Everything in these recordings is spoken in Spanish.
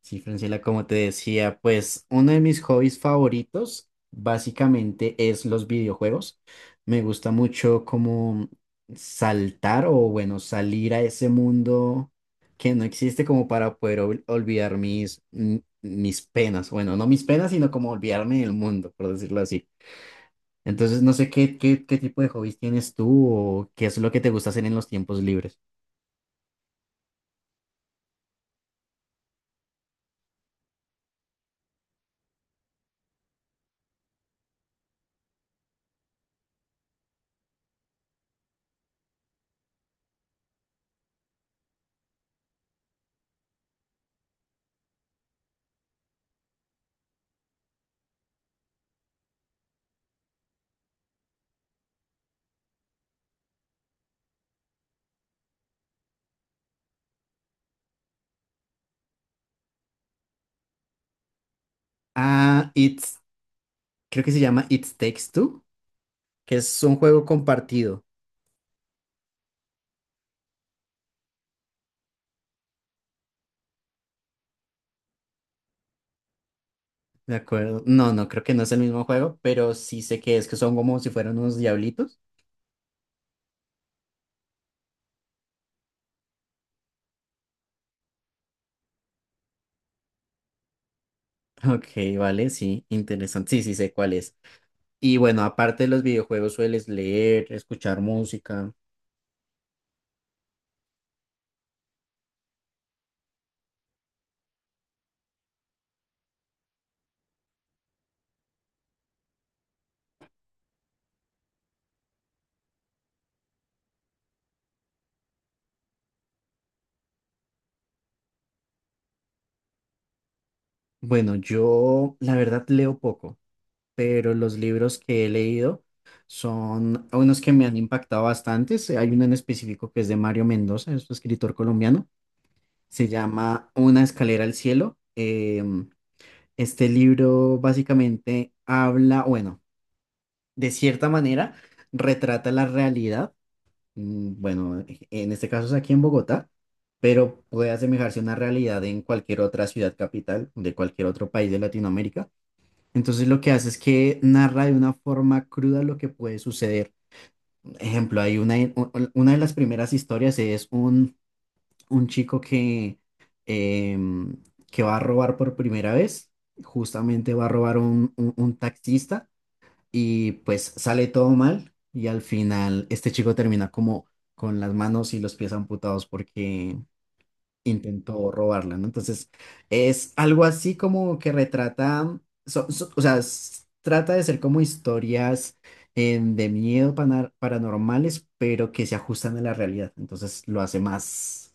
Sí, Francela, como te decía, pues uno de mis hobbies favoritos básicamente es los videojuegos. Me gusta mucho como saltar o bueno, salir a ese mundo que no existe como para poder olvidar mis penas. Bueno, no mis penas, sino como olvidarme del mundo, por decirlo así. Entonces, no sé qué tipo de hobbies tienes tú o qué es lo que te gusta hacer en los tiempos libres. Ah, It's, Creo que se llama It Takes Two, que es un juego compartido. De acuerdo. No, creo que no es el mismo juego, pero sí sé que es que son como si fueran unos diablitos. Ok, vale, sí, interesante. Sí, sí sé cuál es. Y bueno, aparte de los videojuegos, sueles leer, escuchar música. Bueno, yo la verdad leo poco, pero los libros que he leído son unos que me han impactado bastante. Sí, hay uno en específico que es de Mario Mendoza, es un escritor colombiano. Se llama Una escalera al cielo. Este libro básicamente habla, bueno, de cierta manera, retrata la realidad. Bueno, en este caso es aquí en Bogotá, pero puede asemejarse a una realidad en cualquier otra ciudad capital de cualquier otro país de Latinoamérica. Entonces lo que hace es que narra de una forma cruda lo que puede suceder. Ejemplo, hay una de las primeras historias es un chico que, em, que va a robar por primera vez. Justamente va a robar un un taxista y pues sale todo mal y al final este chico termina como con las manos y los pies amputados porque intentó robarla, ¿no? Entonces es algo así como que retrata, o sea, trata de ser como historias de miedo paranormales, pero que se ajustan a la realidad, entonces lo hace más,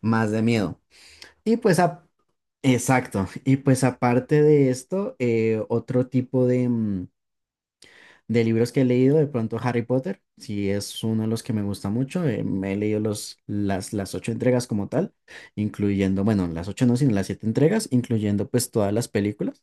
más de miedo. Y pues a- Exacto. Y pues aparte de esto, otro tipo de, de libros que he leído, de pronto Harry Potter, sí es uno de los que me gusta mucho. Me he leído las ocho entregas como tal, incluyendo, bueno, las ocho no, sino las siete entregas, incluyendo pues todas las películas.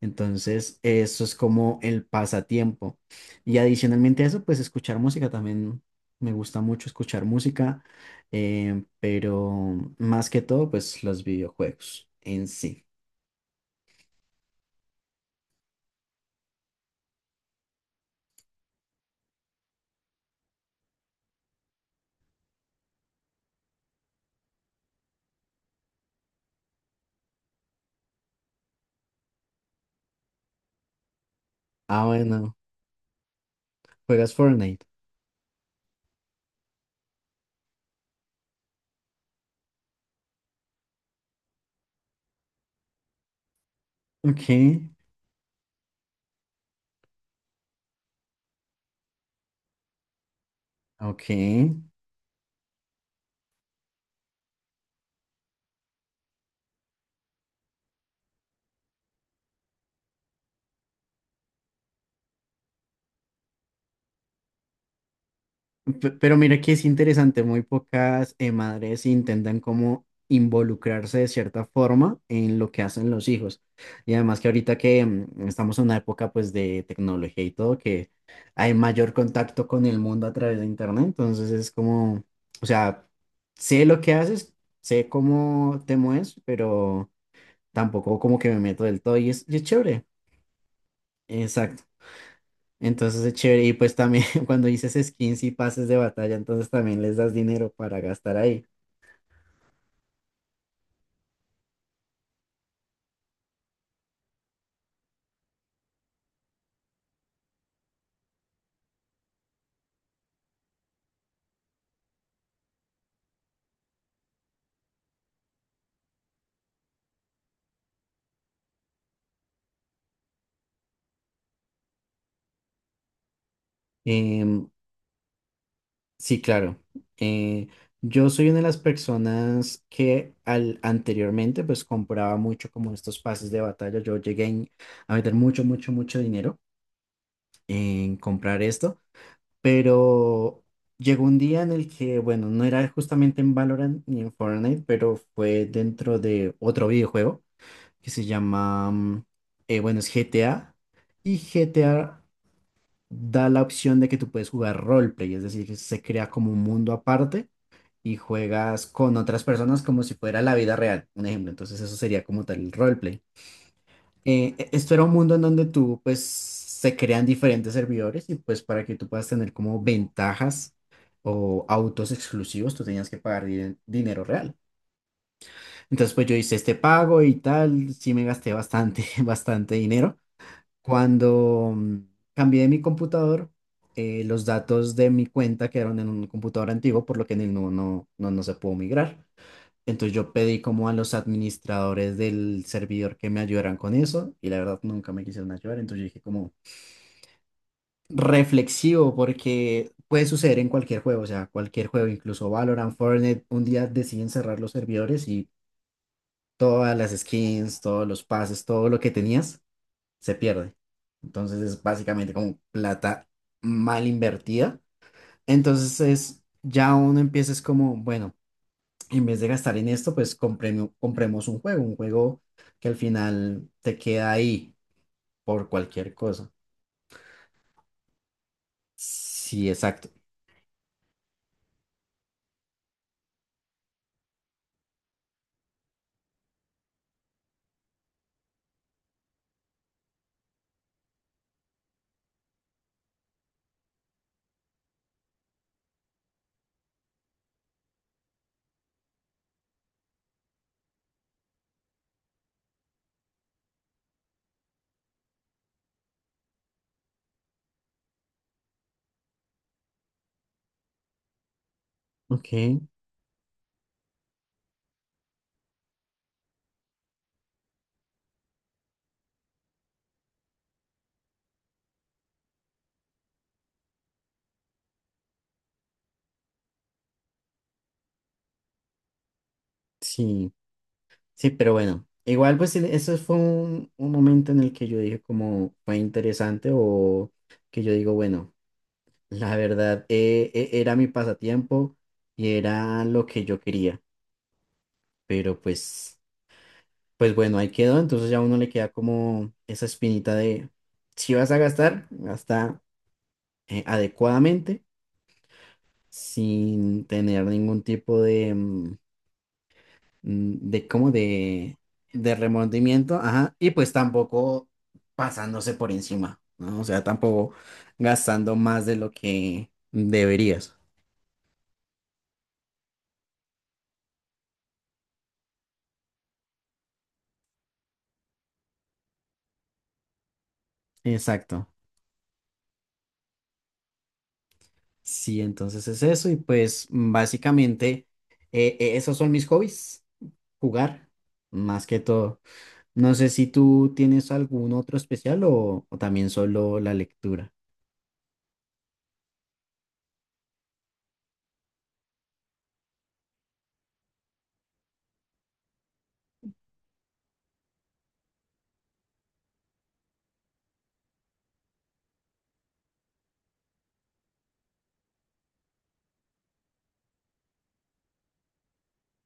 Entonces, eso es como el pasatiempo. Y adicionalmente a eso, pues escuchar música también me gusta mucho escuchar música, pero más que todo, pues los videojuegos en sí. Ah, bueno, juegas Fortnite. Ok, ok. Pero mira que es interesante, muy pocas madres intentan como involucrarse de cierta forma en lo que hacen los hijos. Y además que ahorita que estamos en una época pues de tecnología y todo, que hay mayor contacto con el mundo a través de internet, entonces es como, o sea, sé lo que haces, sé cómo te mueves, pero tampoco como que me meto del todo y y es chévere. Exacto, entonces es chévere. Y pues también cuando dices skins y pases de batalla, entonces también les das dinero para gastar ahí. Em, sí, claro. Eh, yo soy una de las personas que anteriormente pues compraba mucho como estos pases de batalla. A meter mucho, mucho, mucho dinero en comprar esto, pero llegó un día en el que, bueno, no era justamente en Valorant ni en Fortnite, pero fue dentro de otro videojuego que se llama, bueno, es GTA, y GTA da la opción de que tú puedes jugar roleplay, es decir, que se crea como un mundo aparte y juegas con otras personas como si fuera la vida real, un ejemplo, entonces eso sería como tal el roleplay. Esto era un mundo en donde tú, pues, se crean diferentes servidores y pues para que tú puedas tener como ventajas o autos exclusivos, tú tenías que pagar dinero real. Entonces, pues yo hice este pago y tal, sí me gasté bastante, bastante dinero. Cuando cambié mi computador, los datos de mi cuenta quedaron en un computador antiguo, por lo que en el nuevo no, no se pudo migrar. Entonces yo pedí como a los administradores del servidor que me ayudaran con eso y la verdad nunca me quisieron ayudar. Entonces yo dije como reflexivo porque puede suceder en cualquier juego, o sea, cualquier juego, incluso Valorant, Fortnite, un día deciden cerrar los servidores y todas las skins, todos los pases, todo lo que tenías se pierde. Entonces es básicamente como plata mal invertida. Entonces es, ya uno empieza es como, bueno, en vez de gastar en esto, pues compremos un juego que al final te queda ahí por cualquier cosa. Sí, exacto. Ok, sí, sí, pero bueno, igual pues eso fue un momento en el que yo dije como fue interesante o que yo digo, bueno. La verdad, era mi pasatiempo y era lo que yo quería, pero pues, pues bueno, ahí quedó, entonces ya a uno le queda como esa espinita de, si vas a gastar, gasta adecuadamente, sin tener ningún tipo de, de como de remordimiento, ajá, y pues tampoco pasándose por encima, ¿no? O sea, tampoco gastando más de lo que deberías. Exacto. Sí, entonces es eso y pues básicamente esos son mis hobbies, jugar más que todo. No sé si tú tienes algún otro especial o también solo la lectura.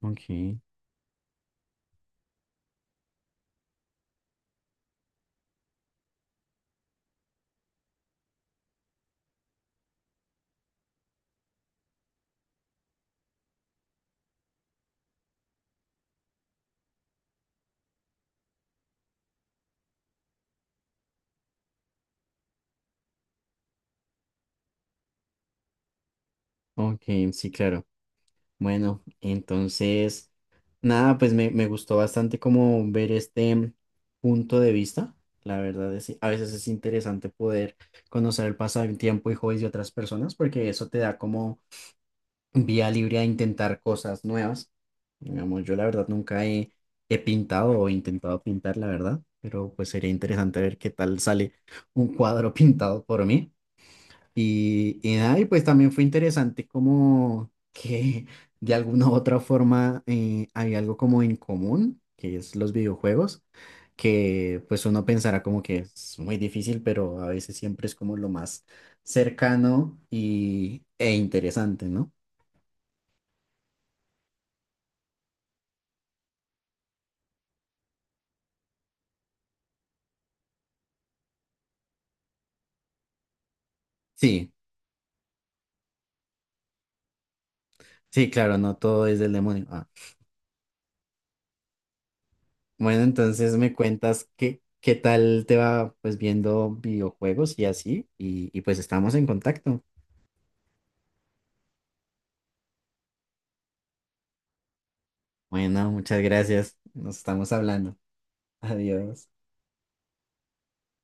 Ok, ok, sí, claro. Bueno, entonces, nada, pues me gustó bastante como ver este punto de vista. La verdad es, a veces es interesante poder conocer el pasado del tiempo y hobbies de otras personas porque eso te da como vía libre a intentar cosas nuevas. Digamos, yo la verdad nunca he, he pintado o intentado pintar, la verdad, pero pues sería interesante ver qué tal sale un cuadro pintado por mí. Y nada, y pues también fue interesante como que de alguna u otra forma hay algo como en común, que es los videojuegos, que pues uno pensará como que es muy difícil, pero a veces siempre es como lo más cercano y, e interesante, ¿no? Sí. Sí, claro, no todo es del demonio. Ah. Bueno, entonces me cuentas qué tal te va pues viendo videojuegos y así, y pues estamos en contacto. Bueno, muchas gracias. Nos estamos hablando. Adiós.